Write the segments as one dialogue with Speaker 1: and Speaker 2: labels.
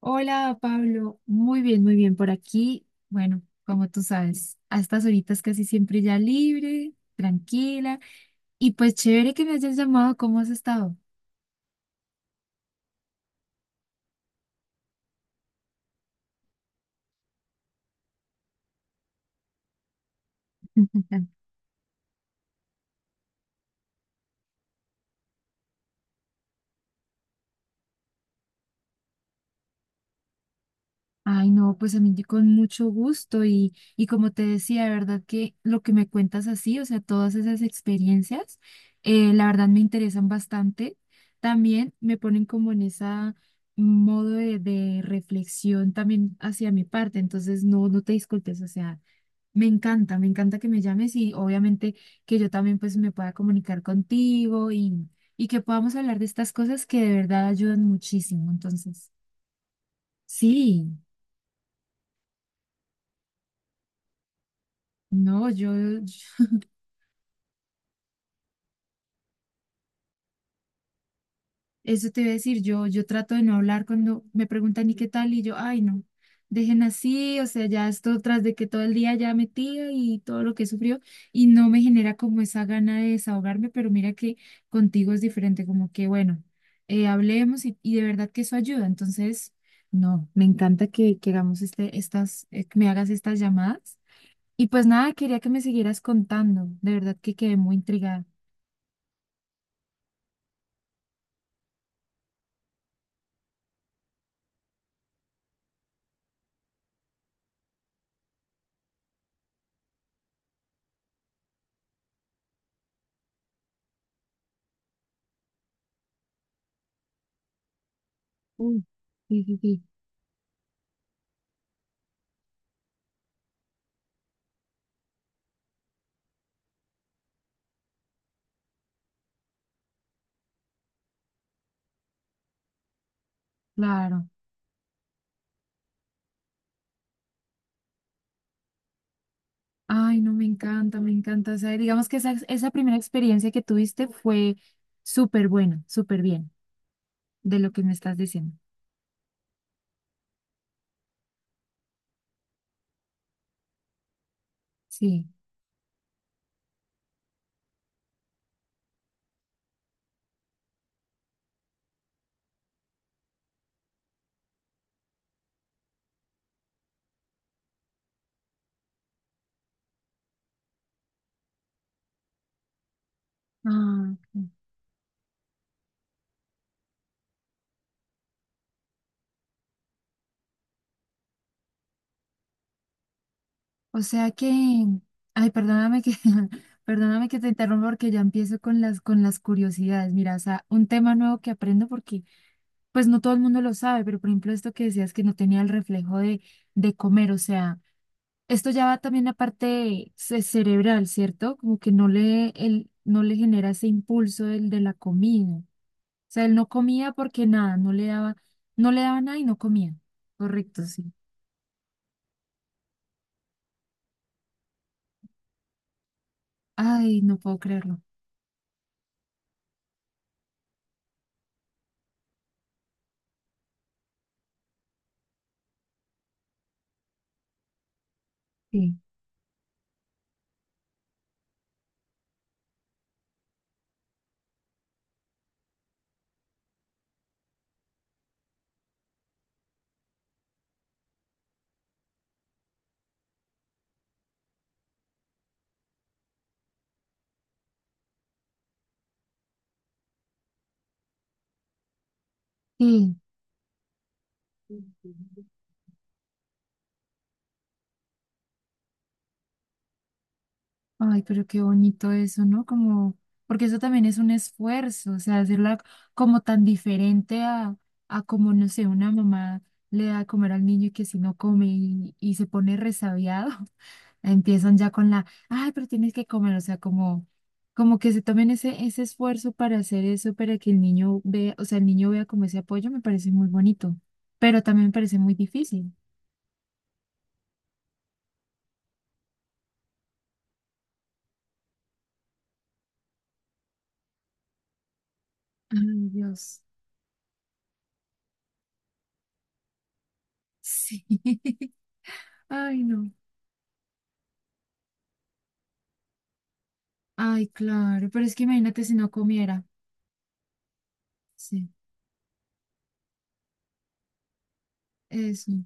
Speaker 1: Hola Pablo, muy bien por aquí. Bueno, como tú sabes, a estas horitas casi siempre ya libre, tranquila y pues chévere que me hayas llamado, ¿cómo has estado? Ay, no, pues a mí con mucho gusto y como te decía, de verdad que lo que me cuentas así, o sea, todas esas experiencias, la verdad me interesan bastante. También me ponen como en esa modo de reflexión también hacia mi parte, entonces no, no te disculpes, o sea. Me encanta que me llames y obviamente que yo también pues me pueda comunicar contigo y que podamos hablar de estas cosas que de verdad ayudan muchísimo. Entonces, sí, no, eso te iba a decir, yo trato de no hablar cuando me preguntan y qué tal, y yo, ay, no, dejen así, o sea, ya esto tras de que todo el día ya metía y todo lo que sufrió, y no me genera como esa gana de desahogarme, pero mira que contigo es diferente, como que bueno, hablemos y de verdad que eso ayuda, entonces, no, me encanta que hagamos estas, que me hagas estas llamadas, y pues nada, quería que me siguieras contando, de verdad que quedé muy intrigada. Uy, sí, sí, sí, claro. Ay, no, me encanta, me encanta. O sea, digamos que esa primera experiencia que tuviste fue súper buena, súper bien, de lo que me estás diciendo. Sí. Ah, ok. O sea que, ay, perdóname que te interrumpa porque ya empiezo con las curiosidades. Mira, o sea, un tema nuevo que aprendo porque pues no todo el mundo lo sabe, pero por ejemplo esto que decías que no tenía el reflejo de comer, o sea, esto ya va también a parte cerebral, ¿cierto? Como que él, no le genera ese impulso el de la comida. O sea, él no comía porque nada, no le daba nada y no comía. Correcto, sí. Ay, no puedo creerlo. Sí. Sí. Ay, pero qué bonito eso, ¿no? Como, porque eso también es un esfuerzo, o sea, hacerla como tan diferente a como, no sé, una mamá le da a comer al niño y que si no come y se pone resabiado, empiezan ya con la, ay, pero tienes que comer, o sea, como que se tomen ese esfuerzo para hacer eso, para que el niño vea, o sea, el niño vea como ese apoyo, me parece muy bonito, pero también me parece muy difícil. Ay, Dios. Sí. Ay, no. Ay, claro, pero es que imagínate si no comiera. Sí, eso.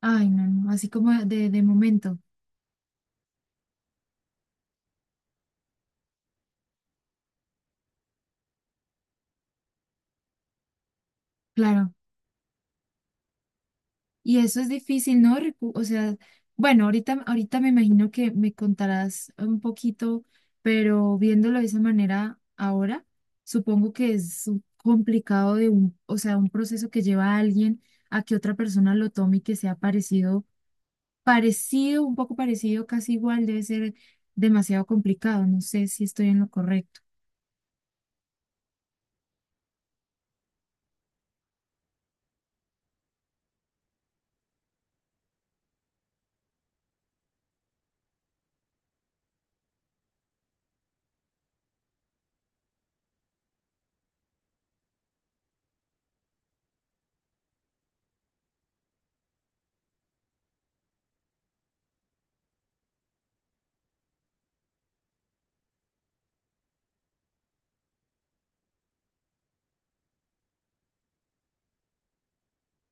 Speaker 1: Ay, no, no, así como de momento. Claro, y eso es difícil, ¿no? O sea, bueno, ahorita me imagino que me contarás un poquito, pero viéndolo de esa manera ahora, supongo que es complicado de o sea, un proceso que lleva a alguien a que otra persona lo tome y que sea parecido, parecido, un poco parecido, casi igual, debe ser demasiado complicado. No sé si estoy en lo correcto.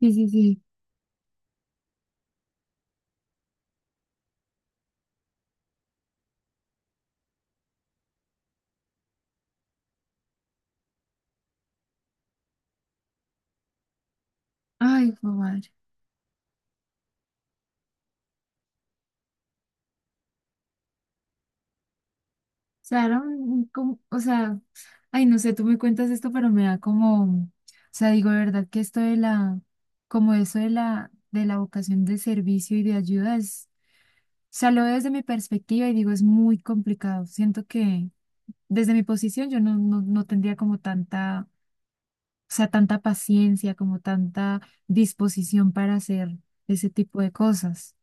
Speaker 1: Sí, sí, sí. Ay, joder. O sea, era o sea, ay, no sé, tú me cuentas esto, pero me da como, o sea, digo, de verdad que como eso de la vocación de servicio y de ayuda es, o sea, lo veo desde mi perspectiva y digo, es muy complicado. Siento que desde mi posición yo no tendría como tanta, o sea, tanta paciencia, como tanta disposición para hacer ese tipo de cosas.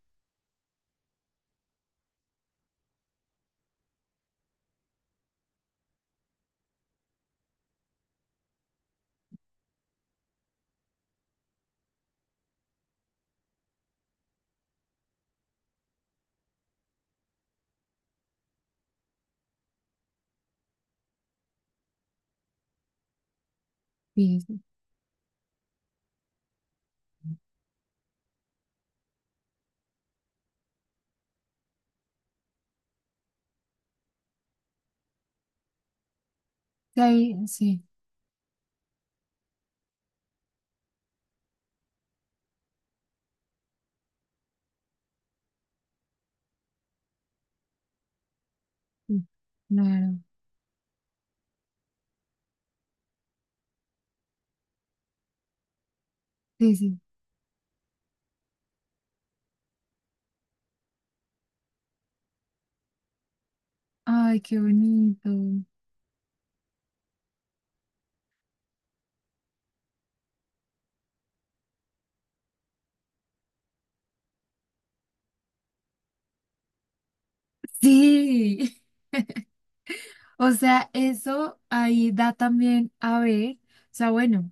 Speaker 1: Sí, sí, sí, sí, sí, claro, sí, sí. Ay, qué bonito. Sí. O sea, eso ahí da también a ver, o sea, bueno,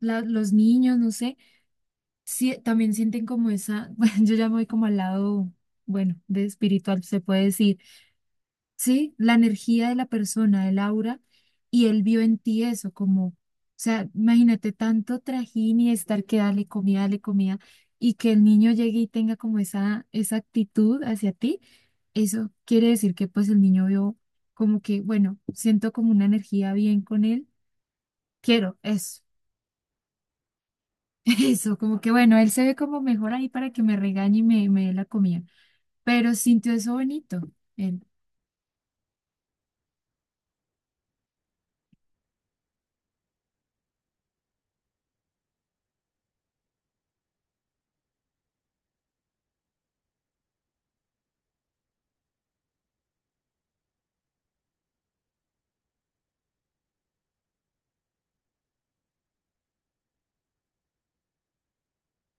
Speaker 1: los niños, no sé, sí, también sienten como esa, bueno, yo ya me voy como al lado, bueno, de espiritual, se puede decir. ¿Sí? La energía de la persona, el aura, y él vio en ti eso, como, o sea, imagínate tanto trajín y estar que dale comida, y que el niño llegue y tenga como esa actitud hacia ti, eso quiere decir que pues el niño vio como que, bueno, siento como una energía bien con él, quiero eso. Eso, como que bueno, él se ve como mejor ahí para que me regañe y me dé la comida, pero sintió eso bonito. Él,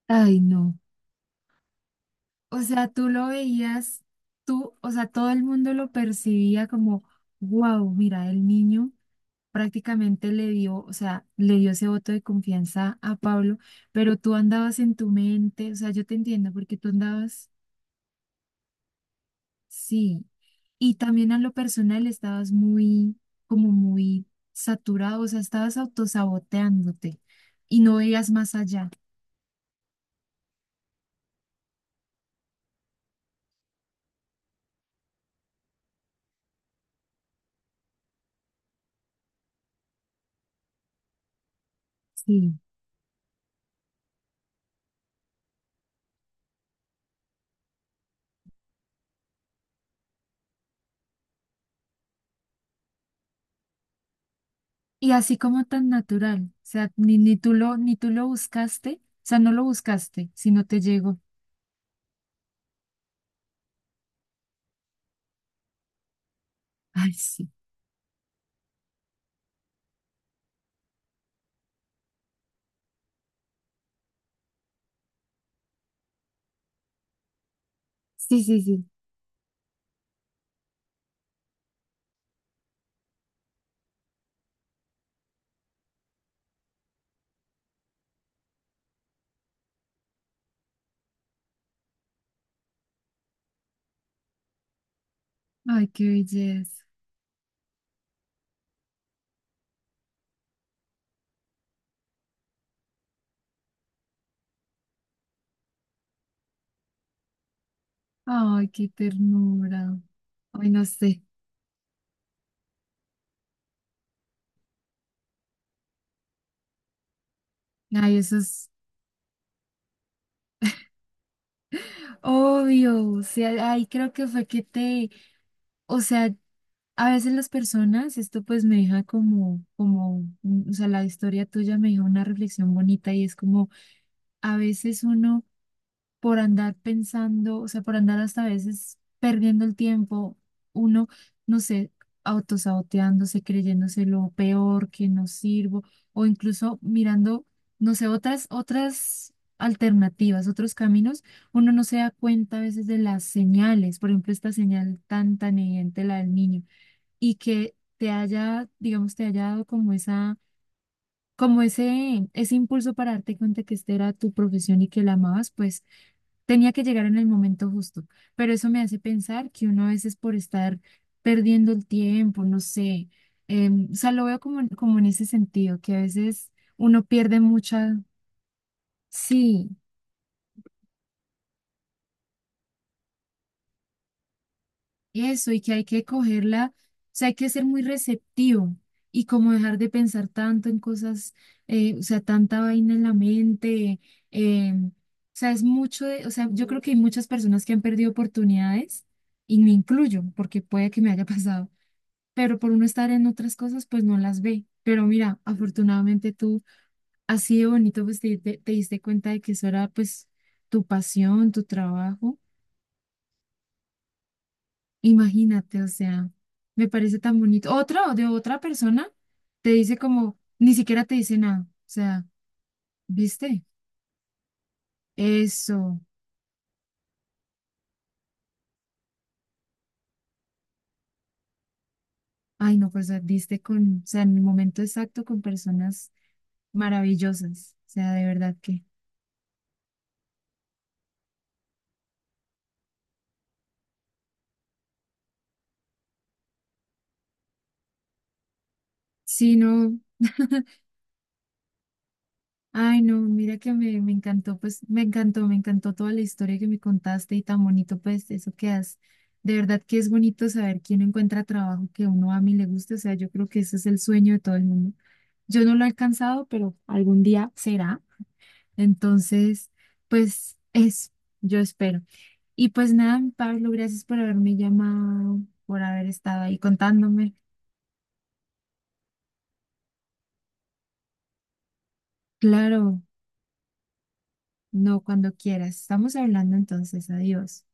Speaker 1: ay, no. O sea, tú lo veías, o sea, todo el mundo lo percibía como, wow, mira, el niño prácticamente le dio, o sea, le dio ese voto de confianza a Pablo, pero tú andabas en tu mente, o sea, yo te entiendo, porque tú andabas, sí, y también a lo personal estabas muy, como muy saturado, o sea, estabas autosaboteándote y no veías más allá, sí. Y así como tan natural, o sea, ni tú lo buscaste, o sea, no lo buscaste, sino te llegó. Ay, sí, sí, sí, sí. Ay, qué belleza. Ay, qué ternura. Ay, no sé. Ay, eso es obvio. O sea, ay, creo que fue o sea, a veces las personas, esto pues me deja o sea, la historia tuya me deja una reflexión bonita y es como, a veces uno por andar pensando, o sea, por andar hasta a veces perdiendo el tiempo, uno, no sé, autosaboteándose, creyéndose lo peor, que no sirvo, o incluso mirando, no sé, otras alternativas, otros caminos, uno no se da cuenta a veces de las señales, por ejemplo, esta señal tan, tan evidente, la del niño, y que te haya, digamos, te haya dado Como ese impulso para darte cuenta que esta era tu profesión y que la amabas, pues tenía que llegar en el momento justo, pero eso me hace pensar que uno a veces por estar perdiendo el tiempo, no sé, o sea, lo veo como, como en ese sentido, que a veces uno pierde mucha, sí, eso, y que hay que cogerla, o sea, hay que ser muy receptivo y como dejar de pensar tanto en cosas, o sea, tanta vaina en la mente, o sea, es mucho de, o sea, yo creo que hay muchas personas que han perdido oportunidades, y me incluyo, porque puede que me haya pasado pero por uno estar en otras cosas, pues no las ve. Pero mira, afortunadamente tú, así de bonito, pues te diste cuenta de que eso era pues tu pasión, tu trabajo. Imagínate, o sea, me parece tan bonito. Otra o de otra persona te dice como, ni siquiera te dice nada. O sea, ¿viste? Eso. Ay, no, pues o sea, diste con, o sea, en el momento exacto con personas maravillosas. O sea, de verdad que. Sí, no. Ay, no, mira que me encantó, pues me encantó toda la historia que me contaste y tan bonito, pues eso que has. De verdad que es bonito saber quién encuentra trabajo que uno ama y le guste, o sea, yo creo que ese es el sueño de todo el mundo. Yo no lo he alcanzado, pero algún día será. Entonces, pues es, yo espero. Y pues nada, Pablo, gracias por haberme llamado, por haber estado ahí contándome. Claro, no, cuando quieras. Estamos hablando entonces, adiós.